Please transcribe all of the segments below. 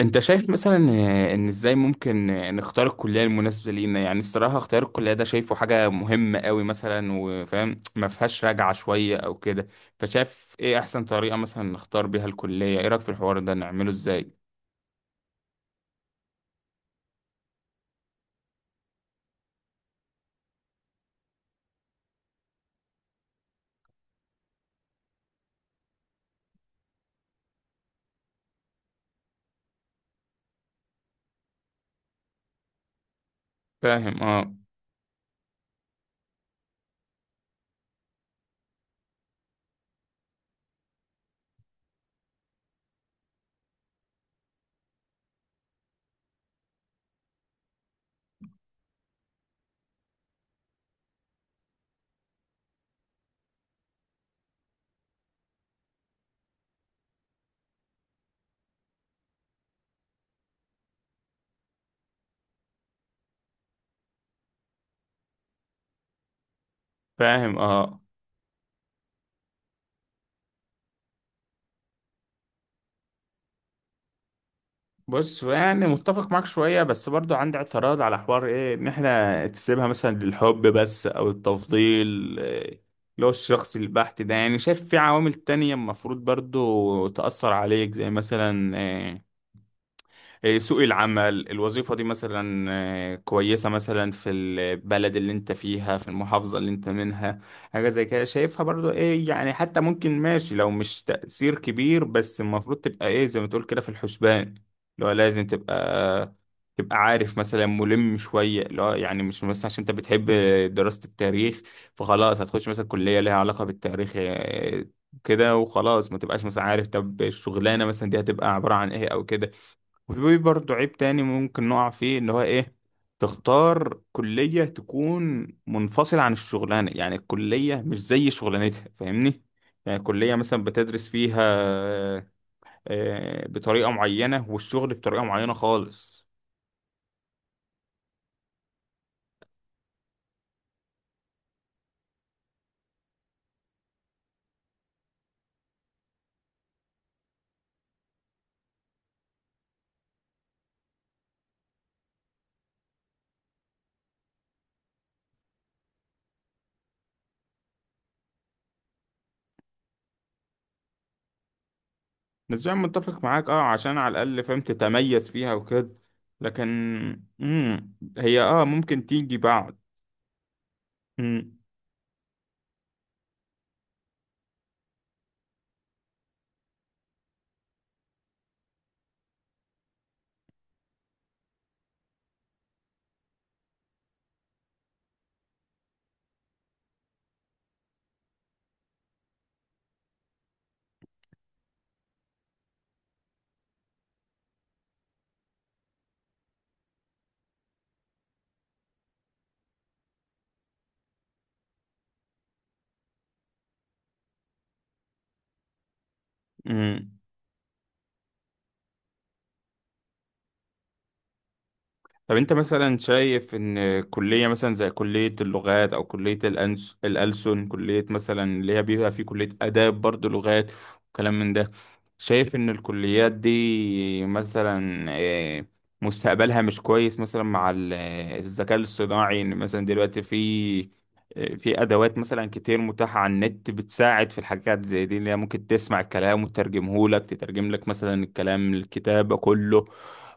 انت شايف مثلا ان ازاي ممكن نختار الكليه المناسبه لينا. يعني الصراحه اختيار الكليه ده شايفه حاجه مهمه قوي مثلا، وفاهم ما فيهاش راجعه شويه او كده. فشايف ايه احسن طريقه مثلا نختار بيها الكليه؟ ايه رايك في الحوار ده، نعمله ازاي؟ فاهم، اه. فاهم، اه. بص يعني متفق معاك شوية، بس برضو عندي اعتراض على حوار ايه، ان احنا تسيبها مثلا للحب بس او التفضيل إيه، اللي هو الشخصي البحت ده. يعني شايف في عوامل تانية المفروض برضو تأثر عليك، زي مثلا سوق العمل، الوظيفة دي مثلا كويسة مثلا في البلد اللي انت فيها، في المحافظة اللي انت منها. حاجة زي كده شايفها برضو ايه، يعني حتى ممكن ماشي لو مش تأثير كبير، بس المفروض تبقى ايه، زي ما تقول كده، في الحسبان. اللي هو لازم تبقى، تبقى عارف مثلا، ملم شوية. اللي هو يعني مش مثلا عشان انت بتحب دراسة التاريخ، فخلاص هتخش مثلا كلية ليها علاقة بالتاريخ كده وخلاص، ما تبقاش مثلا عارف طب الشغلانة مثلا دي هتبقى عبارة عن ايه او كده. وفي برضه عيب تاني ممكن نقع فيه، اللي هو ايه، تختار كلية تكون منفصلة عن الشغلانة. يعني الكلية مش زي شغلانتها، فاهمني؟ يعني كلية مثلا بتدرس فيها بطريقة معينة، والشغل بطريقة معينة خالص. نسبيا متفق معاك، اه، عشان على الأقل فاهم تتميز فيها وكده. لكن مم، هي اه ممكن تيجي بعد. مم. مم. طب انت مثلا شايف ان كلية مثلا زي كلية اللغات، او كلية الألسن، كلية مثلا اللي هي بيبقى في كلية آداب برضو لغات وكلام من ده، شايف ان الكليات دي مثلا مستقبلها مش كويس مثلا مع الذكاء الاصطناعي؟ ان مثلا دلوقتي في ادوات مثلا كتير متاحه على النت، بتساعد في الحاجات زي دي، اللي هي ممكن تسمع الكلام وتترجمه لك، تترجم لك مثلا الكلام، الكتابه، كله.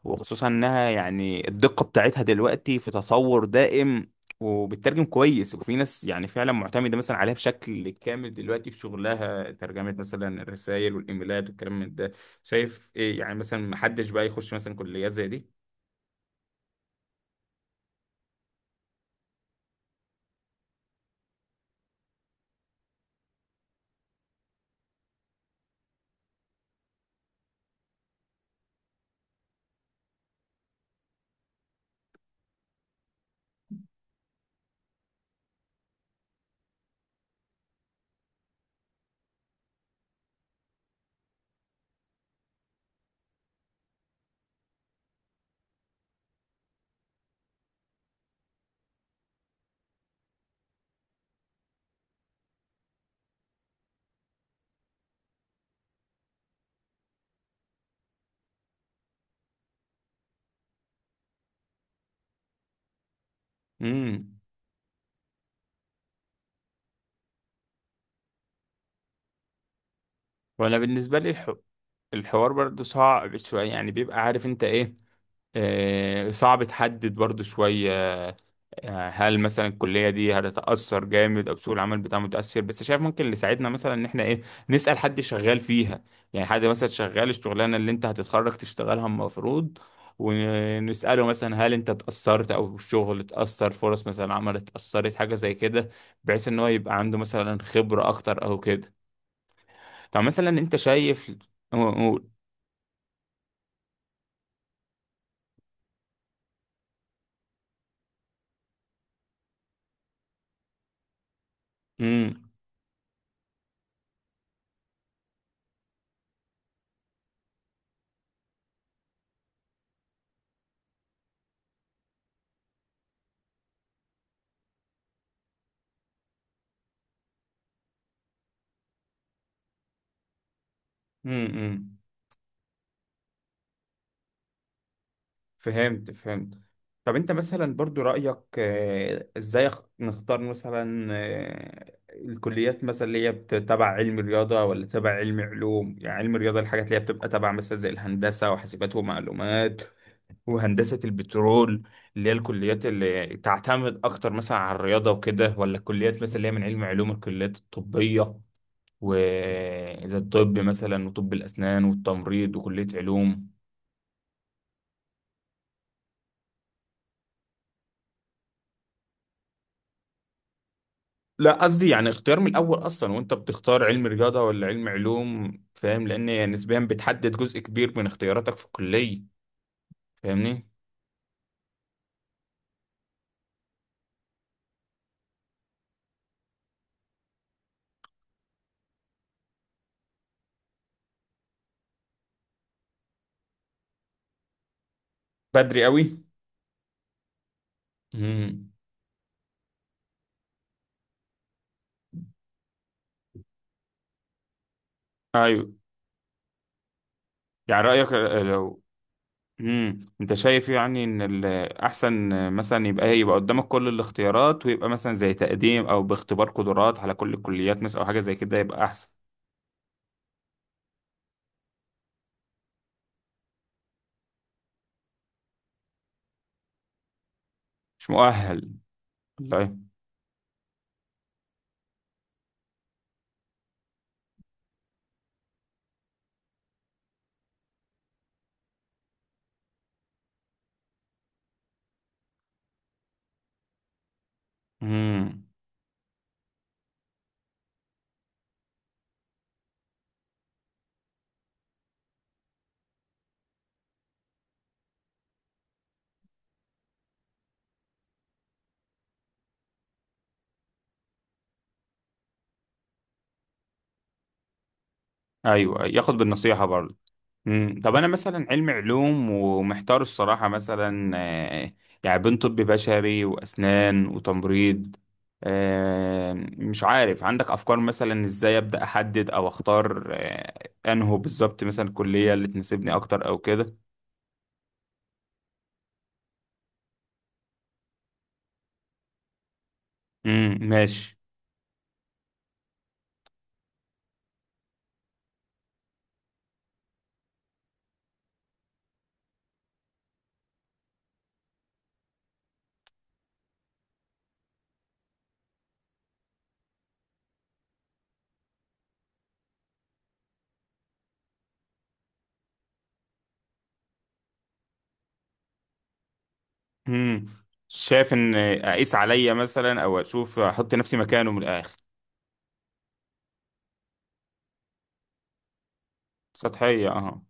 وخصوصا انها يعني الدقه بتاعتها دلوقتي في تطور دائم، وبتترجم كويس. وفي ناس يعني فعلا معتمده مثلا عليها بشكل كامل دلوقتي في شغلها، ترجمه مثلا الرسائل والايميلات والكلام من ده. شايف ايه، يعني مثلا محدش بقى يخش مثلا كليات زي دي؟ امم. وانا بالنسبه لي الحوار برضو صعب شويه. يعني بيبقى عارف انت ايه، صعب تحدد برضو شوية هل مثلا الكلية دي هتتأثر جامد أو سوق العمل بتاعها متأثر. بس شايف ممكن اللي يساعدنا مثلا إن إحنا إيه، نسأل حد شغال فيها. يعني حد مثلا شغال الشغلانة اللي أنت هتتخرج تشتغلها المفروض، ونسأله مثلا هل أنت اتأثرت، أو الشغل اتأثر، فرص مثلا عمل اتأثرت، حاجة زي كده، بحيث إن هو يبقى عنده مثلا خبرة أكتر أو كده. طب مثلا أنت شايف، قول. مم. مم. فهمت، فهمت. طب انت مثلا برضو رأيك ازاي نختار مثلا الكليات مثلا اللي هي تبع علم رياضة ولا تبع علم علوم؟ يعني علم رياضة الحاجات اللي هي بتبقى تبع مثلا زي الهندسة وحاسبات ومعلومات وهندسة البترول، اللي هي الكليات اللي تعتمد اكتر مثلا على الرياضة وكده، ولا الكليات مثلا اللي هي من علم علوم، الكليات الطبية، وزي الطب مثلا وطب الأسنان والتمريض وكلية علوم. لا، قصدي يعني اختيار من الاول اصلا، وانت بتختار علم رياضه ولا علم علوم، فاهم، لان نسبيا بتحدد جزء كبير من اختياراتك في الكليه. فاهمني؟ بدري قوي. امم. ايوه. يعني رايك لو، امم، انت شايف يعني ان الاحسن مثلا يبقى ايه، يبقى قدامك كل الاختيارات، ويبقى مثلا زي تقديم او باختبار قدرات على كل الكليات مثلا، او حاجه زي كده، يبقى احسن؟ مش مؤهل. والله. امم. ايوه، أيوه. ياخد بالنصيحه برضه. مم. طب انا مثلا علم علوم، ومحتار الصراحه، مثلا يعني بين طب بشري واسنان وتمريض آه، مش عارف عندك افكار مثلا ازاي ابدا احدد او اختار انهو بالظبط مثلا الكليه اللي تناسبني اكتر او كده؟ امم، ماشي. امم. شايف ان اقيس عليا مثلا، او اشوف، احط نفسي مكانه من الاخر. سطحيه، اه.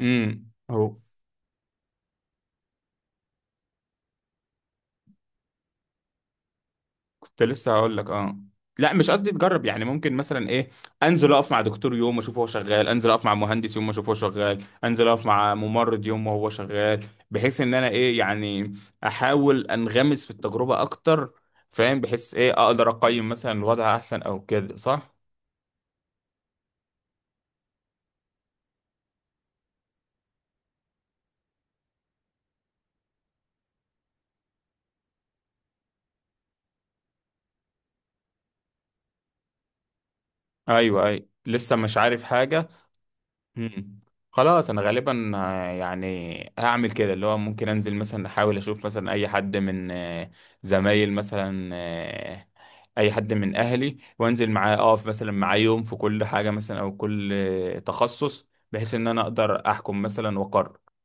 امم. اهو. كنت لسه هقول لك، اه. لا، مش قصدي تجرب، يعني ممكن مثلا ايه، انزل اقف مع دكتور يوم اشوفه هو شغال، انزل اقف مع مهندس يوم اشوفه هو شغال، انزل اقف مع ممرض يوم وهو شغال. بحيث ان انا ايه يعني، احاول انغمس في التجربة اكتر، فاهم، بحيث ايه اقدر اقيم مثلا الوضع احسن او كده، صح؟ ايوه، اي أيوة. لسه مش عارف حاجة. مم. خلاص، انا غالبا يعني هعمل كده، اللي هو ممكن انزل مثلا، احاول اشوف مثلا اي حد من زمايل مثلا اي حد من اهلي، وانزل معاه اقف مثلا معاه يوم في كل حاجة مثلا، او كل تخصص، بحيث ان انا اقدر احكم مثلا واقرر.